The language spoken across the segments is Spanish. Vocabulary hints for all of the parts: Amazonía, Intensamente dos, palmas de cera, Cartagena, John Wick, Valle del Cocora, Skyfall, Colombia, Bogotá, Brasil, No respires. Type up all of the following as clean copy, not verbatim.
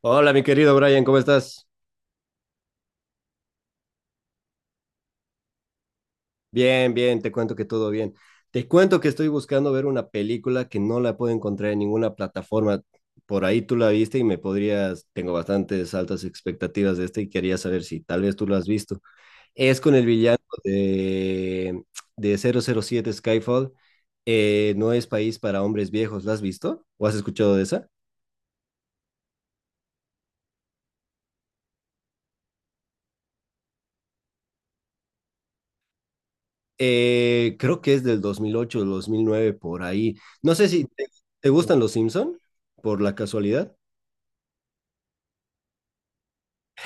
Hola, mi querido Brian, ¿cómo estás? Bien, bien, te cuento que todo bien. Te cuento que estoy buscando ver una película que no la puedo encontrar en ninguna plataforma. Por ahí tú la viste y tengo bastantes altas expectativas de esta y quería saber si tal vez tú la has visto. Es con el villano de, de 007 Skyfall. No es país para hombres viejos. ¿La has visto? ¿O has escuchado de esa? Creo que es del 2008, 2009 por ahí. No sé si te gustan los Simpson, por la casualidad.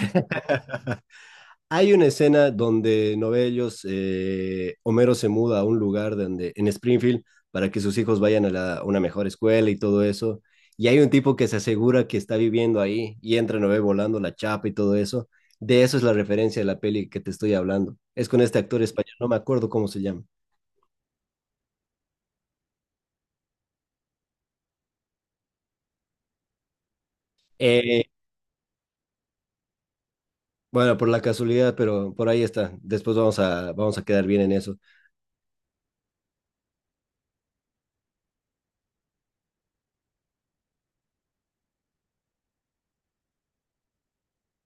Hay una escena donde Novellos, Homero se muda a un lugar donde, en Springfield, para que sus hijos vayan a una mejor escuela y todo eso. Y hay un tipo que se asegura que está viviendo ahí y entra, no, volando la chapa y todo eso. De eso es la referencia de la peli que te estoy hablando. Es con este actor español, no me acuerdo cómo se llama. Eh, Bueno, por la casualidad, pero por ahí está. Después vamos a quedar bien en eso.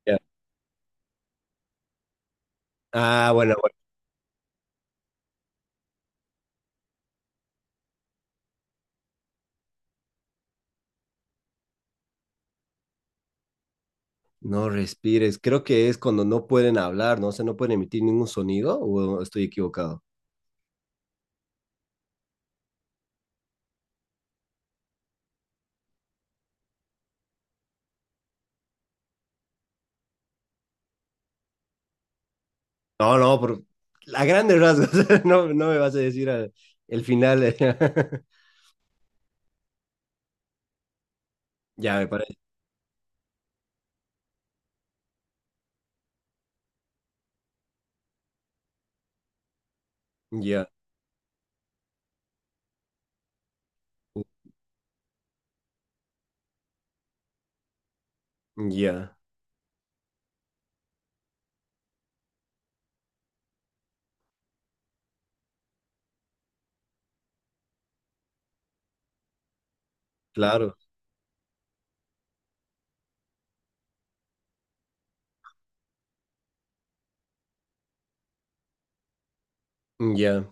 Ya. Ah, bueno, bueno. No respires. Creo que es cuando no pueden hablar, ¿no? O sea, no pueden emitir ningún sonido, o estoy equivocado. No, no, por a grandes rasgos. No, no me vas a decir el final. Ya, me parece. Ya, ya, claro. Ya,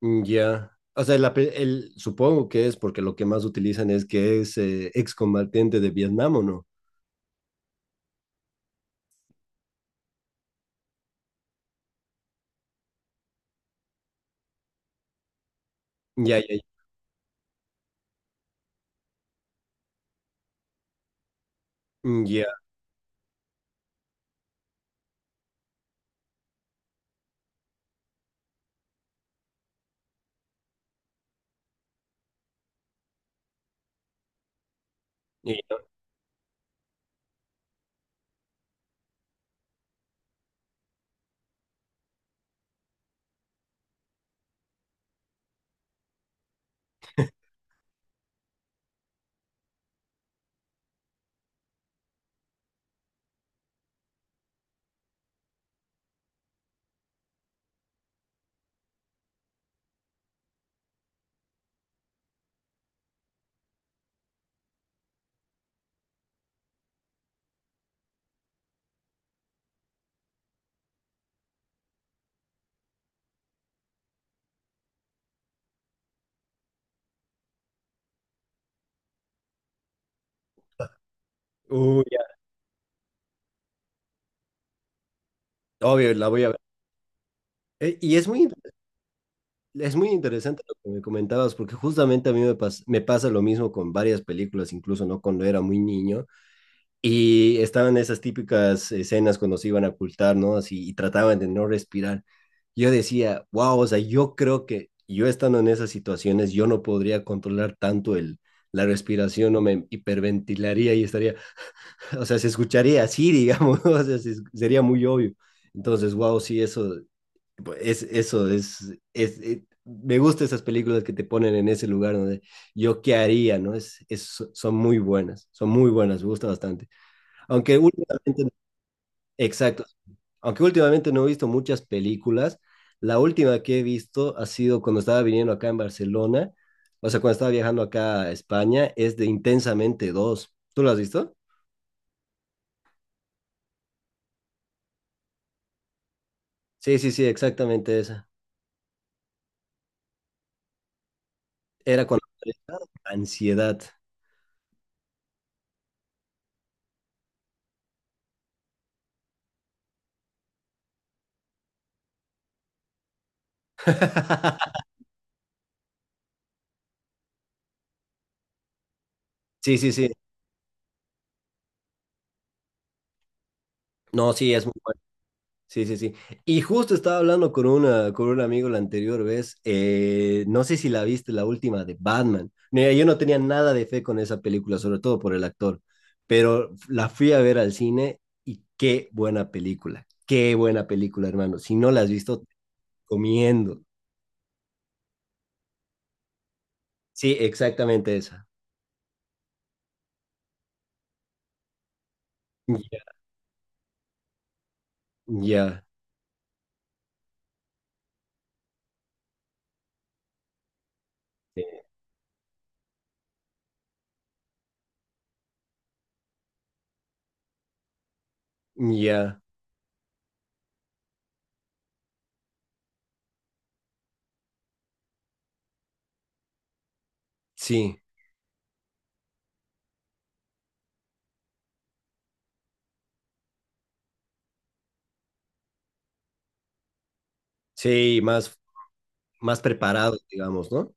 ya. O sea, supongo que es porque lo que más utilizan es que es excombatiente de Vietnam, ¿o no? Ya, ya, ya. Ya. No. Uy, obvio, la voy a ver. Y es muy interesante lo que me comentabas, porque justamente a me pasa lo mismo con varias películas, incluso, ¿no? Cuando era muy niño, y estaban esas típicas escenas cuando se iban a ocultar, ¿no? Así, y trataban de no respirar. Yo decía, wow, o sea, yo creo que yo estando en esas situaciones, yo no podría controlar tanto la respiración, o me hiperventilaría y estaría, o sea, se escucharía así, digamos, o sea, sería muy obvio. Entonces, wow, sí, eso. Pues, Es, eso es- me gustan esas películas que te ponen en ese lugar donde yo qué haría, ¿no? Son muy buenas, son muy buenas, me gusta bastante. Aunque últimamente, exacto, aunque últimamente no he visto muchas películas. La última que he visto ha sido cuando estaba viniendo acá en Barcelona, o sea, cuando estaba viajando acá a España, es de Intensamente dos. ¿Tú lo has visto? Sí, sí, sí, exactamente esa. Era cuando ansiedad. Sí, sí, sí. No, sí, es muy sí, sí, sí. Y justo estaba hablando con un amigo la anterior vez, no sé si la viste, la última de Batman. Mira, yo no tenía nada de fe con esa película, sobre todo por el actor, pero la fui a ver al cine y qué buena película, hermano. Si no la has visto, te recomiendo. Sí, exactamente esa. Ya, ya, ya, sí, sí, más preparados, digamos, ¿no?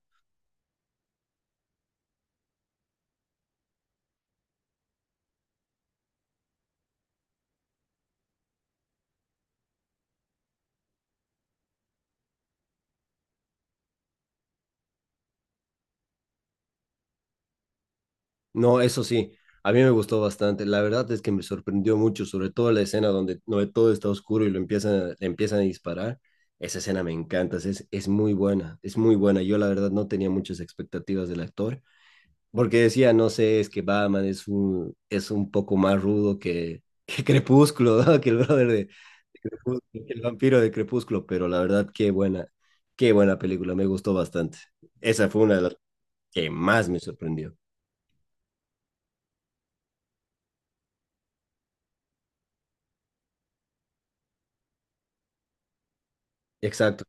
No, eso sí, a mí me gustó bastante. La verdad es que me sorprendió mucho, sobre todo la escena donde no, todo está oscuro y le empiezan a disparar. Esa escena me encanta, es muy buena, es muy buena. Yo la verdad no tenía muchas expectativas del actor, porque decía, no sé, es que Batman es un poco más rudo que, que Crepúsculo, ¿no? Que el brother de Crepúsculo, que el vampiro de Crepúsculo, pero la verdad, qué buena película, me gustó bastante. Esa fue una de las que más me sorprendió. Exacto,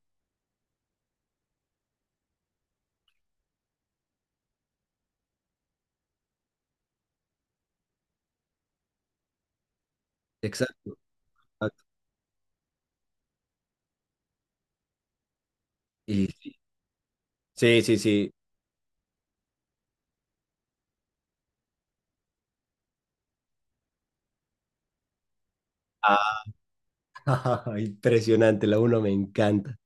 exacto. Y sí, sí, sí. Sí. Ah, impresionante, la uno me encanta.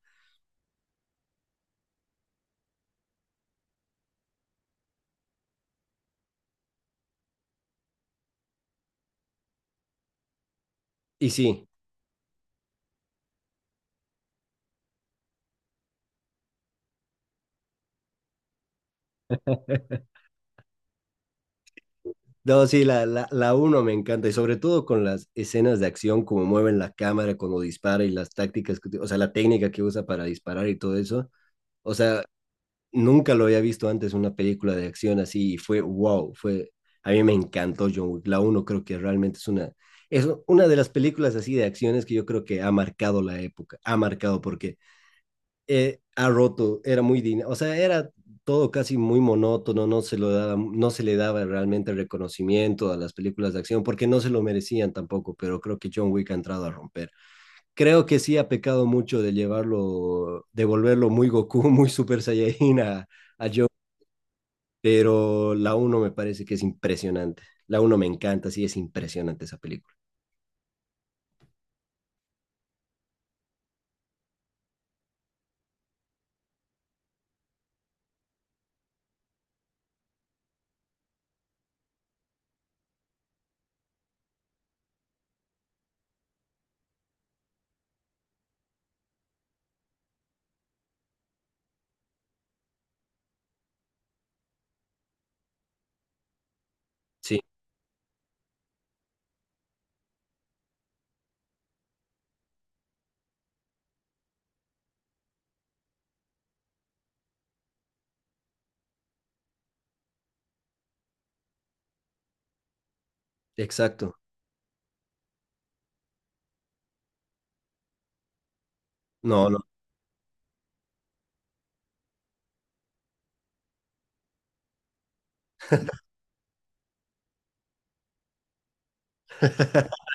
Y sí, no, sí, la uno me encanta, y sobre todo con las escenas de acción, como mueven la cámara cuando dispara y las tácticas, o sea, la técnica que usa para disparar y todo eso. O sea, nunca lo había visto antes una película de acción así, y fue wow, a mí me encantó John Wick. La uno creo que realmente es una de las películas así de acciones que yo creo que ha marcado la época, ha marcado porque ha roto, o sea, era todo casi muy monótono, no se le daba realmente reconocimiento a las películas de acción porque no se lo merecían tampoco, pero creo que John Wick ha entrado a romper. Creo que sí ha pecado mucho de llevarlo, de volverlo muy Goku, muy Super Saiyajin a John, pero la uno me parece que es impresionante. La uno me encanta, sí, es impresionante esa película. Sí, exacto. No, no.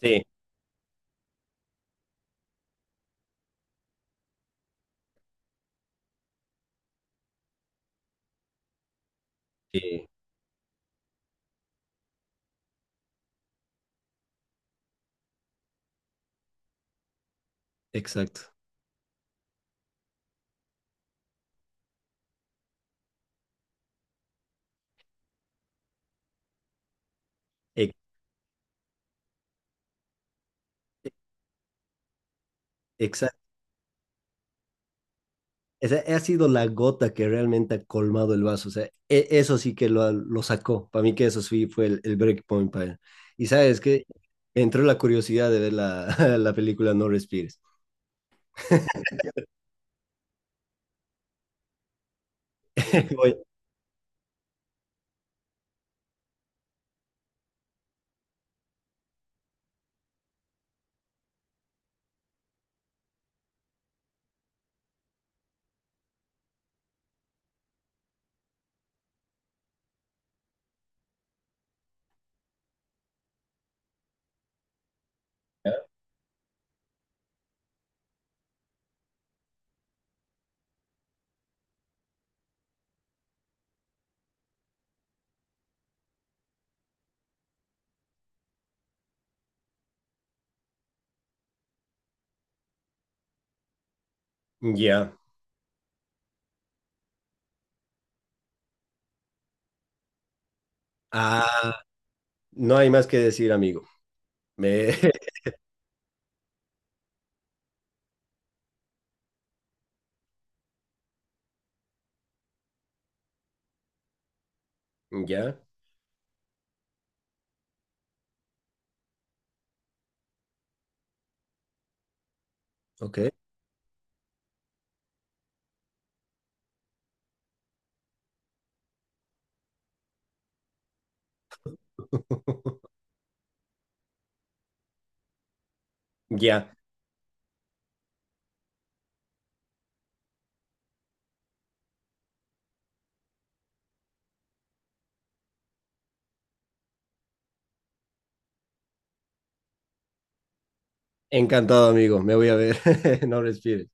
Sí, sí, exacto. Ex- e-, Exacto. O sea, ha sido la gota que realmente ha colmado el vaso. O sea, eso sí que lo sacó. Para mí que eso sí fue el break point para él. Y sabes que entró la curiosidad de ver la película No Respires. Voy, Ya. Ah, no hay más que decir, amigo. Me... Ya. Ok. Ya. Encantado, amigo. Me voy a ver. No Respires.